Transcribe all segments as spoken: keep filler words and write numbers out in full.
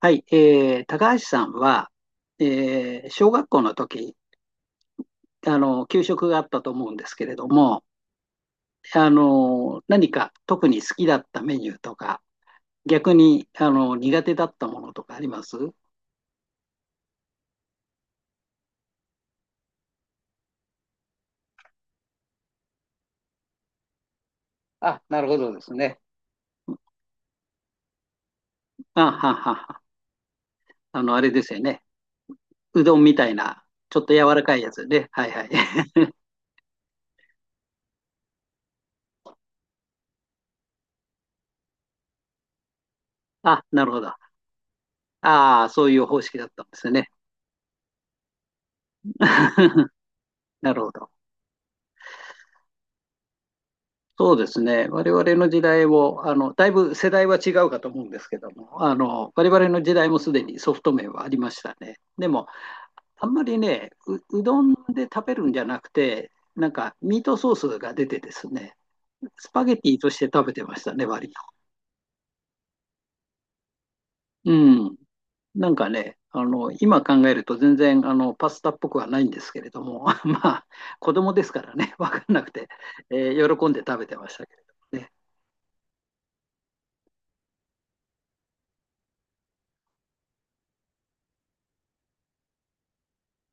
はい、えー、高橋さんは、えー小学校の時、あの、給食があったと思うんですけれども、あの、何か特に好きだったメニューとか、逆に、あの、苦手だったものとかあります？あ、なるほどですね。あははは。あの、あれですよね。うどんみたいな、ちょっと柔らかいやつね。はいはい。あ、なるほど。ああ、そういう方式だったんですね。なるほど。そうですね、我々の時代をあの、だいぶ世代は違うかと思うんですけども、あの我々の時代もすでにソフト麺はありましたね。でも、あんまりねう、うどんで食べるんじゃなくて、なんかミートソースが出てですね、スパゲティとして食べてましたね、割と。うん、なんかね、あの今考えると全然あのパスタっぽくはないんですけれども、まあ、子供ですからね、分かんなくて、えー喜んで食べてましたけれどもね。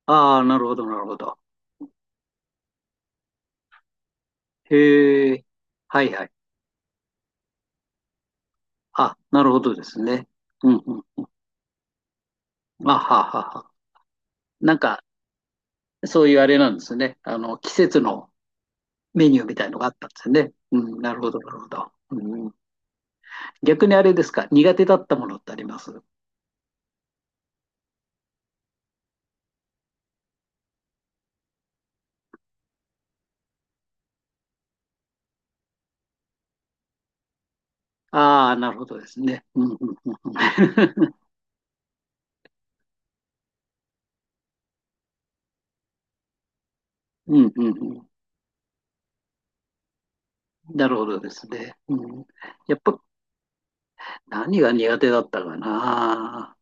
ああ、なるほど、なるほど。へえ、はいはい。あ、なるほどですね。うんうん。あははは。なんか、そういうあれなんですね。あの、季節のメニューみたいのがあったんですよね。うん、なるほど、なるほど。うん、逆にあれですか、苦手だったものってあります？ああー、なるほどですね。うん、うん、うんうん。うん、うんうん。なるほどですね。うん、やっぱ、何が苦手だったかな。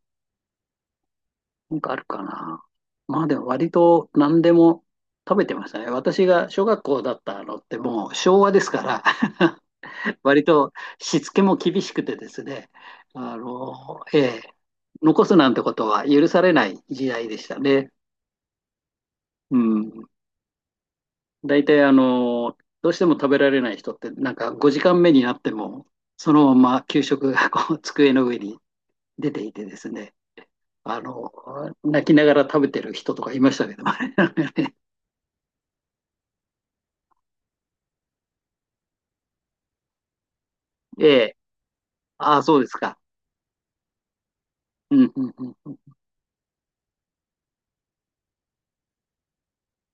なんかあるかな。まあでも割と何でも食べてましたね。私が小学校だったのってもう昭和ですから、 割としつけも厳しくてですね、あの、ええ、残すなんてことは許されない時代でしたね。うん。大体あの、どうしても食べられない人ってなんかごじかんめになってもそのまま給食がこう机の上に出ていてですね、あの、泣きながら食べてる人とかいましたけどね。ええ。ああ、そうですか。うん、うん、うん。うん、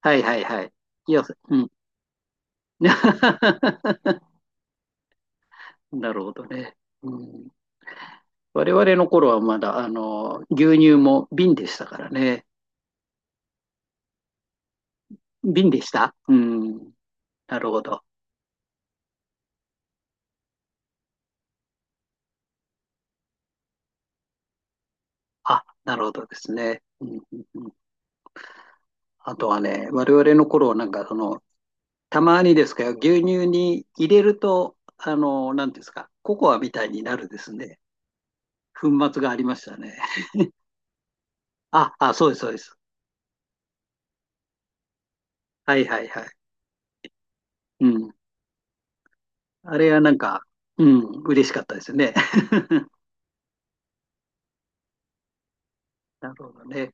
はい、はい、はい。いや、うん。なるほどね。うん、我々の頃はまだ、あの、牛乳も瓶でしたからね。瓶でした。うん。なるほど。あ、なるほどですね。うん、うん、うん。あとはね、我々の頃はなんか、その、たまにですけど、牛乳に入れると、あの、なんていうんですか、ココアみたいになるですね。粉末がありましたね。あ、あ、そうです、そうです。はい、はい、はい。うん。あれはなんか、うん、嬉しかったですね。なるほどね。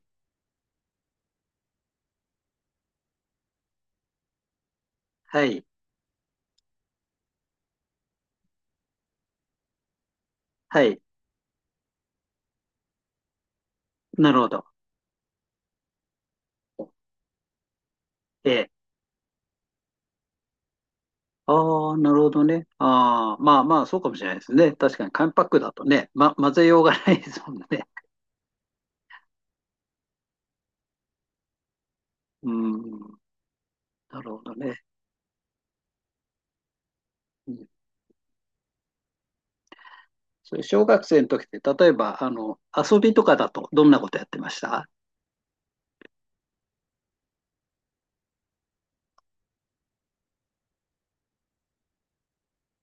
はい。はい。なるほど。ええ。ああ、なるほどね。ああ、まあまあ、そうかもしれないですね。確かに紙パックだとね、ま、混ぜようがないですもんね。うん。なるほどね。うん、それ小学生の時って、例えば、あの、遊びとかだとどんなことやってました？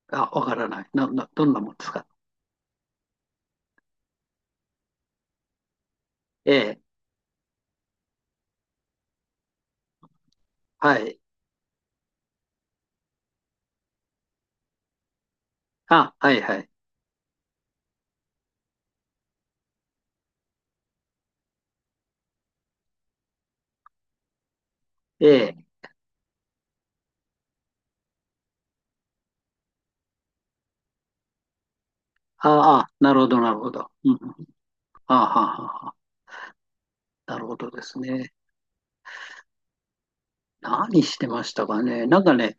あ、わからない。な、な、どんなもんですか？ええ。はい。あ、はいはい。ええ。ああ、なるほど、なるほど。うんうん。ああ、はあはあ。なるほどですね。何してましたかね。なんかね、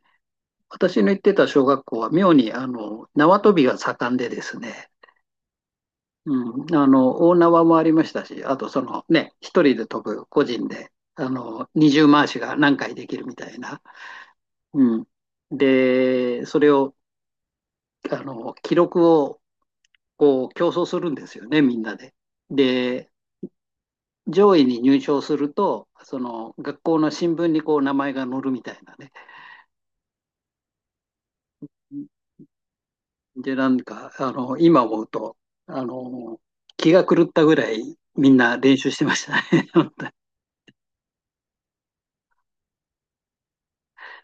私の行ってた小学校は妙にあの縄跳びが盛んでですね、うん、あの大縄もありましたし、あとそのね、一人で飛ぶ個人で、あの二重回しが何回できるみたいな。うん、で、それをあの記録をこう競争するんですよね、みんなで。で、上位に入賞すると、その学校の新聞にこう名前が載るみたいなね、で、なんか、あの、今思うと、あの、気が狂ったぐらいみんな練習してましたね。本当に。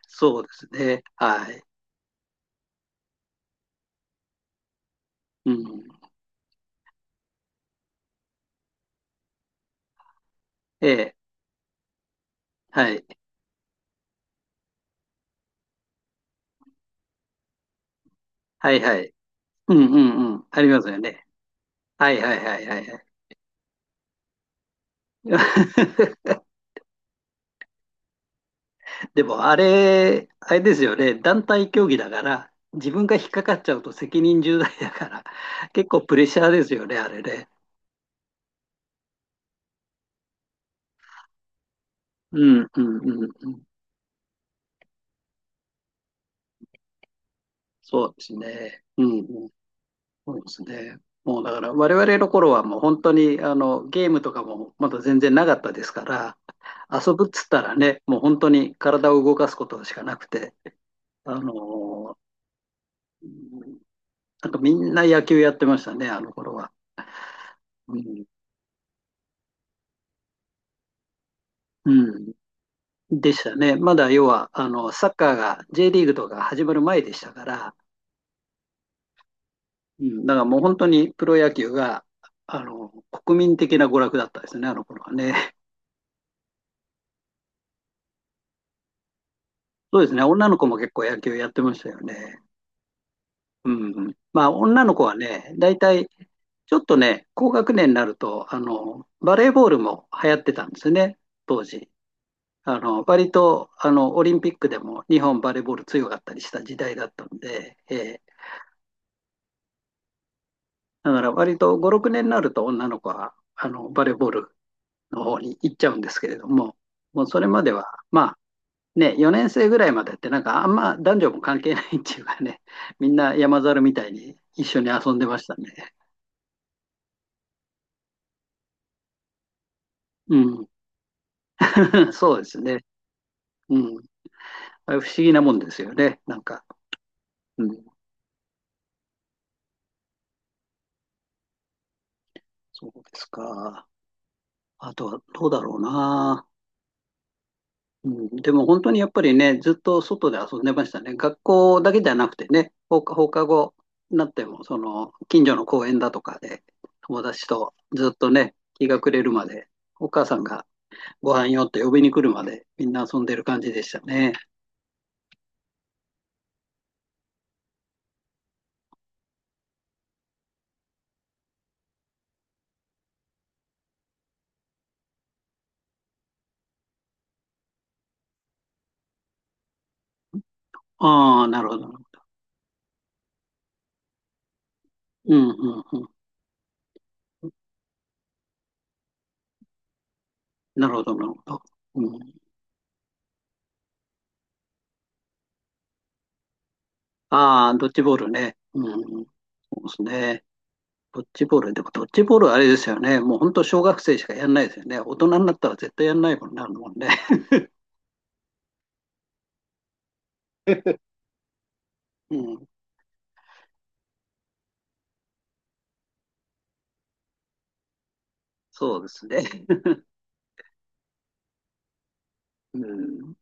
そうですね。はい。うん。ええ。はい。はいはい。うんうんうん。ありますよね。はいはいはいはいはい。でも、あれ、あれですよね。団体競技だから、自分が引っかかっちゃうと責任重大だから、結構プレッシャーですよね、あれね。うんうんうんうん。そうですね。うんうん。そうですね。もうだから我々の頃はもう本当にあのゲームとかもまだ全然なかったですから、遊ぶっつったらね、もう本当に体を動かすことしかなくて、あのうん、なんかみんな野球やってましたね、あの頃は。うん。うん。でしたね。まだ要は、あの、サッカーが ジェイリーグとか始まる前でしたから、うん、だからもう本当にプロ野球が、あの、国民的な娯楽だったですね、あの頃はね。そうですね、女の子も結構野球やってましたよね。うん。まあ、女の子はね、大体、ちょっとね、高学年になると、あの、バレーボールも流行ってたんですよね、当時。あの、割と、あの、オリンピックでも日本バレーボール強かったりした時代だったんで、えーだから割とご、ろくねんになると女の子は、あの、バレーボールの方に行っちゃうんですけれども、もうそれまでは、まあ、ね、よねん生ぐらいまでってなんかあんま男女も関係ないっていうかね、みんな山猿みたいに一緒に遊んでましたね。うん。そうですね。うん。あれ不思議なもんですよね。なんか。うん。そうですか。あとはどうだろうな。うん。でも本当にやっぱりね、ずっと外で遊んでましたね。学校だけじゃなくてね、放課放課後になっても、その、近所の公園だとかで、友達とずっとね、日が暮れるまで、お母さんがご飯よって呼びに来るまで、みんな遊んでる感じでしたね。ああ、なるほど。うん、うん、うん。なるほど、なるほど。うん、ああ、ドッジボールね。うん。そうですね。ドッジボール。でもドッジボールはあれですよね。もう本当小学生しかやんないですよね。大人になったら絶対やんないもんなるもんね。うん。そうですね。うん。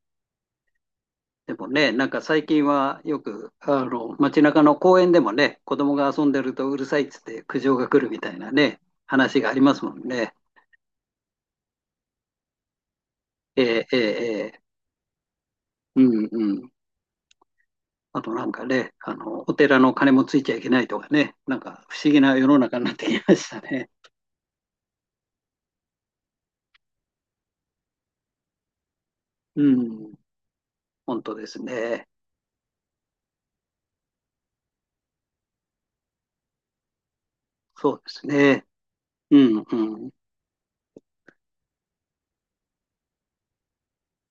でもね、なんか最近はよく、あの、街中の公園でもね、子供が遊んでるとうるさいっつって苦情が来るみたいなね、話がありますもんね。ええええええ。うんうん。あとなんかね、あの、お寺の鐘もついちゃいけないとかね、なんか不思議な世の中になってきましたね。うん、本当ですね。そうですね。うん、うん。